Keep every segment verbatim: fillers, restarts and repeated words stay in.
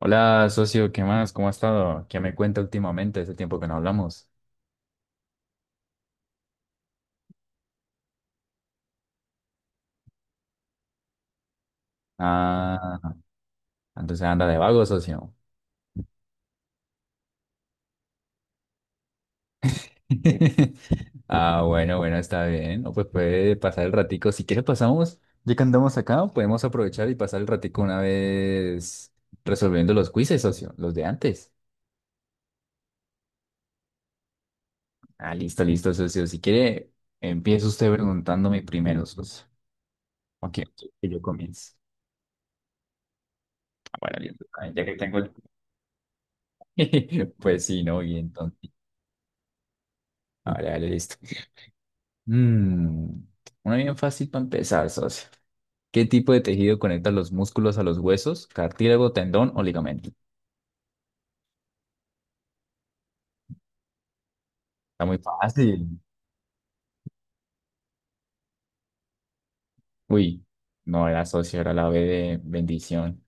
Hola, socio, ¿qué más? ¿Cómo ha estado? ¿Qué me cuenta últimamente? Hace tiempo que no hablamos. Ah, entonces anda de vago, socio. Ah, bueno, bueno, está bien. No, pues puede pasar el ratico. Si quiere pasamos, ya que andamos acá, podemos aprovechar y pasar el ratico una vez resolviendo los quizzes, socio, los de antes. Ah, listo, listo, socio. Si quiere, empieza usted preguntándome primero, socio. Ok, ok, que yo comience. Ah, Bueno, listo. Ah, Ya que tengo el... Pues sí, ¿no? Y entonces... Vale, vale, listo. Mm, una bien fácil para empezar, socio. ¿Qué tipo de tejido conecta los músculos a los huesos, cartílago, tendón o ligamento? Está muy fácil. Uy, no era socio, era la B de bendición.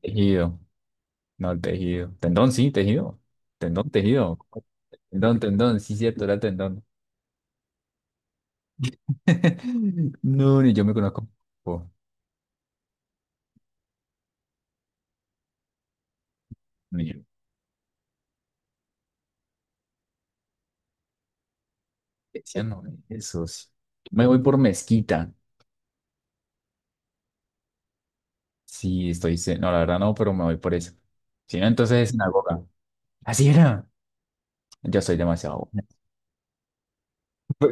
Tejido, no tejido. Tendón, sí, tejido. Tendón, tejido. Tendón, tendón, sí, cierto, era tendón. No, ni yo me conozco. Oh, ni yo. Decía, no, esos. Me voy por mezquita. Sí, estoy. se- No, la verdad no, pero me voy por eso. Si no, entonces es sinagoga. Así era. Yo soy demasiado bueno.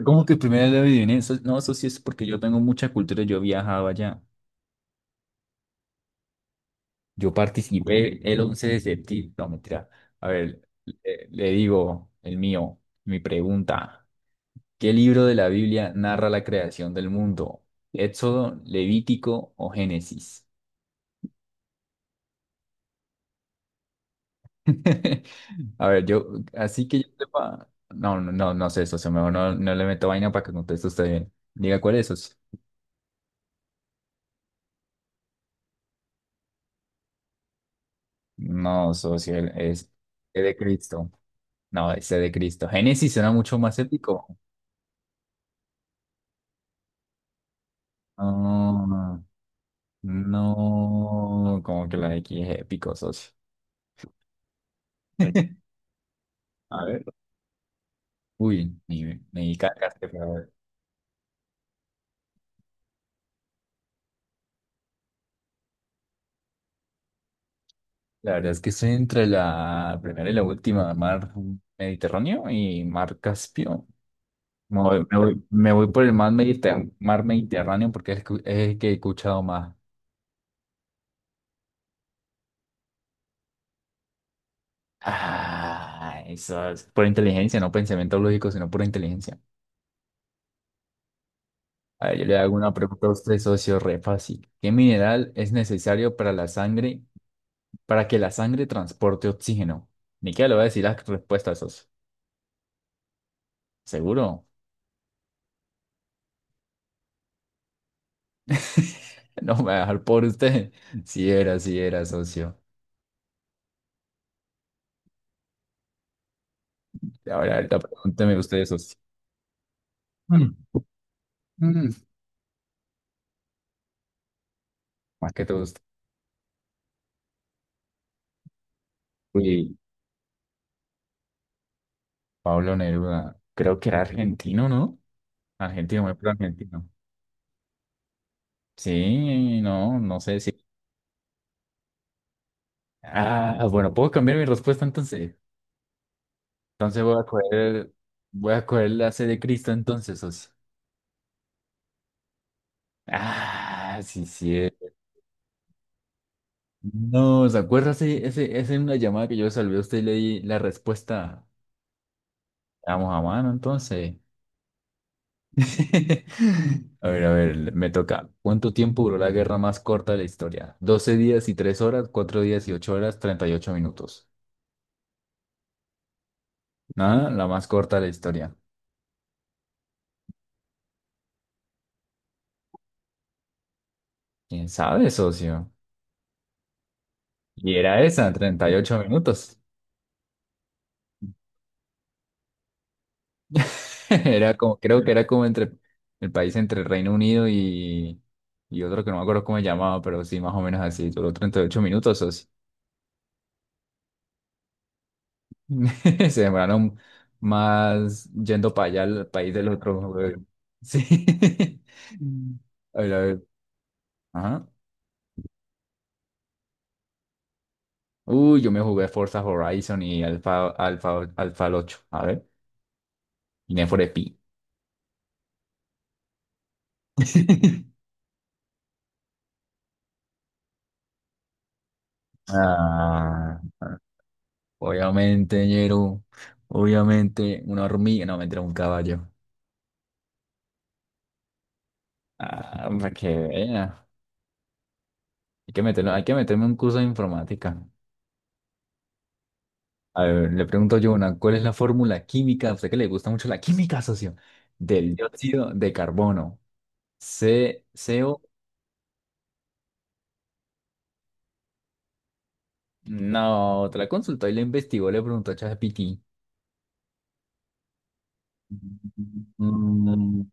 ¿Cómo que primero lo adiviné? Eso- no, eso sí es porque yo tengo mucha cultura. Yo viajaba allá. Yo participé el once de septiembre. No, mentira. A ver, le, le digo el mío, mi pregunta. ¿Qué libro de la Biblia narra la creación del mundo? ¿Éxodo, Levítico o Génesis? A ver, yo, así que yo sepa- no, no, no, no sé eso. Mejor no, no le meto vaina para que conteste usted bien. Diga cuál es eso. No, socio, el- es el de Cristo. No, ese de Cristo. Génesis suena mucho más épico. No, no, como que la de aquí es épico, socio. A ver. Uy, me, me cargaste, pero la verdad es que estoy entre la primera y la última, mar Mediterráneo y mar Caspio. Me voy, me voy- me voy por el mar Mediterráneo, mar Mediterráneo porque es el que es el que he escuchado más. Ah, eso es por inteligencia, no pensamiento lógico, sino por inteligencia. A ver, yo le hago una pregunta a usted, socio, re fácil. ¿Qué mineral es necesario para la sangre, para que la sangre transporte oxígeno? Ni que le voy a decir las respuestas, socio. ¿Seguro? No me va a dejar por usted. Si era, si era, socio. Ahora, ahorita pregúnteme usted, socio. Mm, mm, Más que todo usted. Uy, Pablo Neruda. Creo que era argentino, ¿no? Argentino, muy pro argentino. Sí, no, no sé si. Ah, bueno, puedo cambiar mi respuesta entonces. Entonces voy a coger, voy a coger la C de Cristo entonces, socio. Ah, sí, sí. No, ¿se acuerda? Ese, ese, esa es una llamada que yo salvé a usted y le di la respuesta. Vamos a mano entonces. A ver, a ver, me toca. ¿Cuánto tiempo duró la guerra más corta de la historia? Doce días y tres horas, cuatro días y ocho horas, treinta y ocho minutos. Nada, la más corta de la historia. ¿Quién sabe, socio? Y era esa, treinta y ocho minutos. Era como, creo que era como entre el país entre Reino Unido y, y otro que no me acuerdo cómo se llamaba, pero sí, más o menos así. Duró treinta y ocho minutos, socio. Se demoraron más yendo para allá al país del otro. güey. Sí. A ver, a ver. Ajá. Uy, yo me jugué Forza Horizon y Alpha, Alpha, Alpha ocho. A ver. Y Need for Speed. Ah, obviamente, ñero. Obviamente, una hormiga. No, mentira, un caballo. Ah, para que vea. Hay que meterlo, hay que meterme un curso de informática. A ver, le pregunto yo una, ¿cuál es la fórmula química? A usted que le gusta mucho la química, socio. Del dióxido de carbono. C, CO. No, te la consultó y le investigó, le preguntó a ChatGPT. Mm,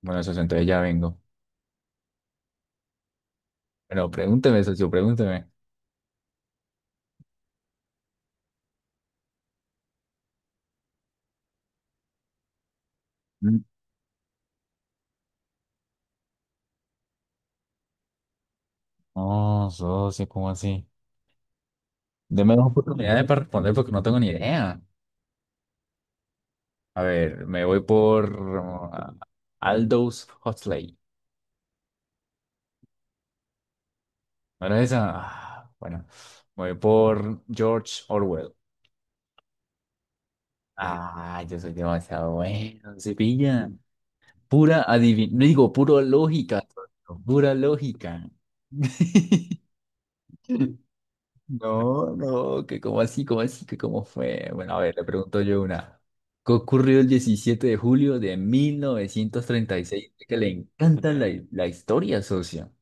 Bueno, socio, entonces ya vengo. Pero pregúnteme, socio, pregúnteme. Mm. No, socio, ¿cómo así? Deme dos oportunidades para responder porque no tengo ni idea. A ver, me voy por uh, Aldous Huxley. ¿No era esa? Ah, bueno, me voy por George Orwell. Ah, yo soy demasiado bueno, se pilla. Pura adivin... no digo, pura lógica, pura lógica. No, no, que como así, como así, que cómo fue. Bueno, a ver, le pregunto yo una. ¿Qué ocurrió el diecisiete de julio de mil novecientos treinta y seis? Que le encanta la, la historia, socio.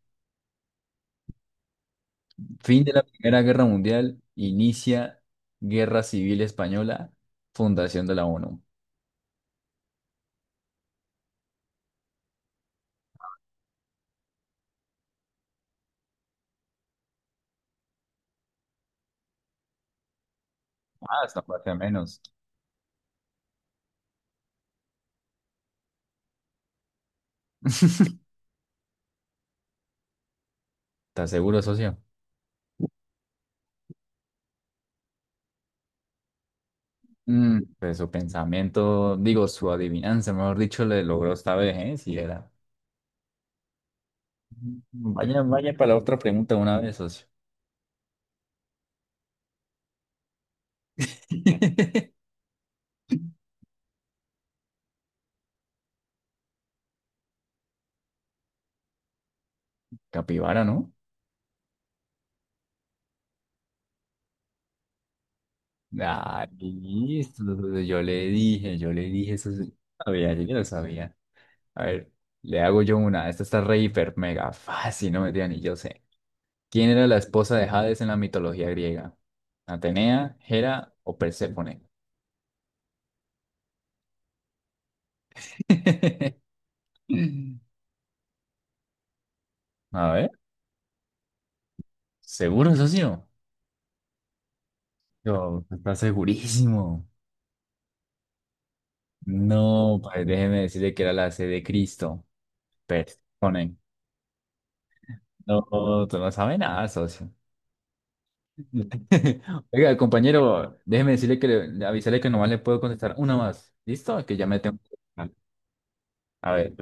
Fin de la Primera Guerra Mundial, inicia Guerra Civil Española, fundación de la ONU. Ah, está parte menos. ¿Estás seguro, socio? Mm, pues su pensamiento, digo, su adivinanza, mejor dicho, le logró esta vez, ¿eh? Si era. Vaya, vaya para la otra pregunta una vez, socio. Capibara, ¿no? Ah, listo. Yo le dije, yo le dije eso. sí. Sabía, yo ya lo sabía. A ver, le hago yo una. Esta está re hiper mega fácil, no me digan ni yo sé. ¿Quién era la esposa de Hades en la mitología griega? ¿Atenea, Hera o Perséfone? A ver, ¿seguro, socio? Yo, está segurísimo. No, pues déjeme decirle que era la C de Cristo. Perséfone. No, tú no sabes nada, socio. Oiga, compañero, déjeme decirle que le, avisarle que nomás le puedo contestar una más. ¿Listo? Que ya me tengo. que- ir. A ver,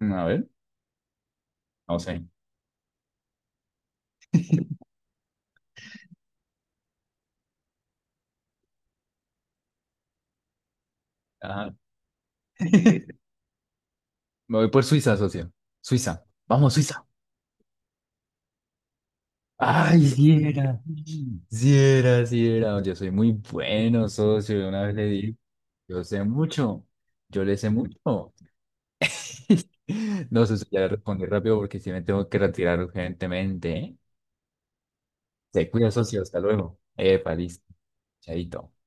mm, a ver, no sé. Ajá. Me voy por Suiza, socio. Suiza. Vamos, Suiza. Ay, sí era. Sí era, sí era. Yo soy muy bueno, socio. Una vez le di, yo sé mucho. Yo le sé mucho. No, socio, ya le respondí rápido porque si me tengo que retirar urgentemente. ¿Eh? Se cuida, socio. Hasta luego. Epa, listo. Chaito.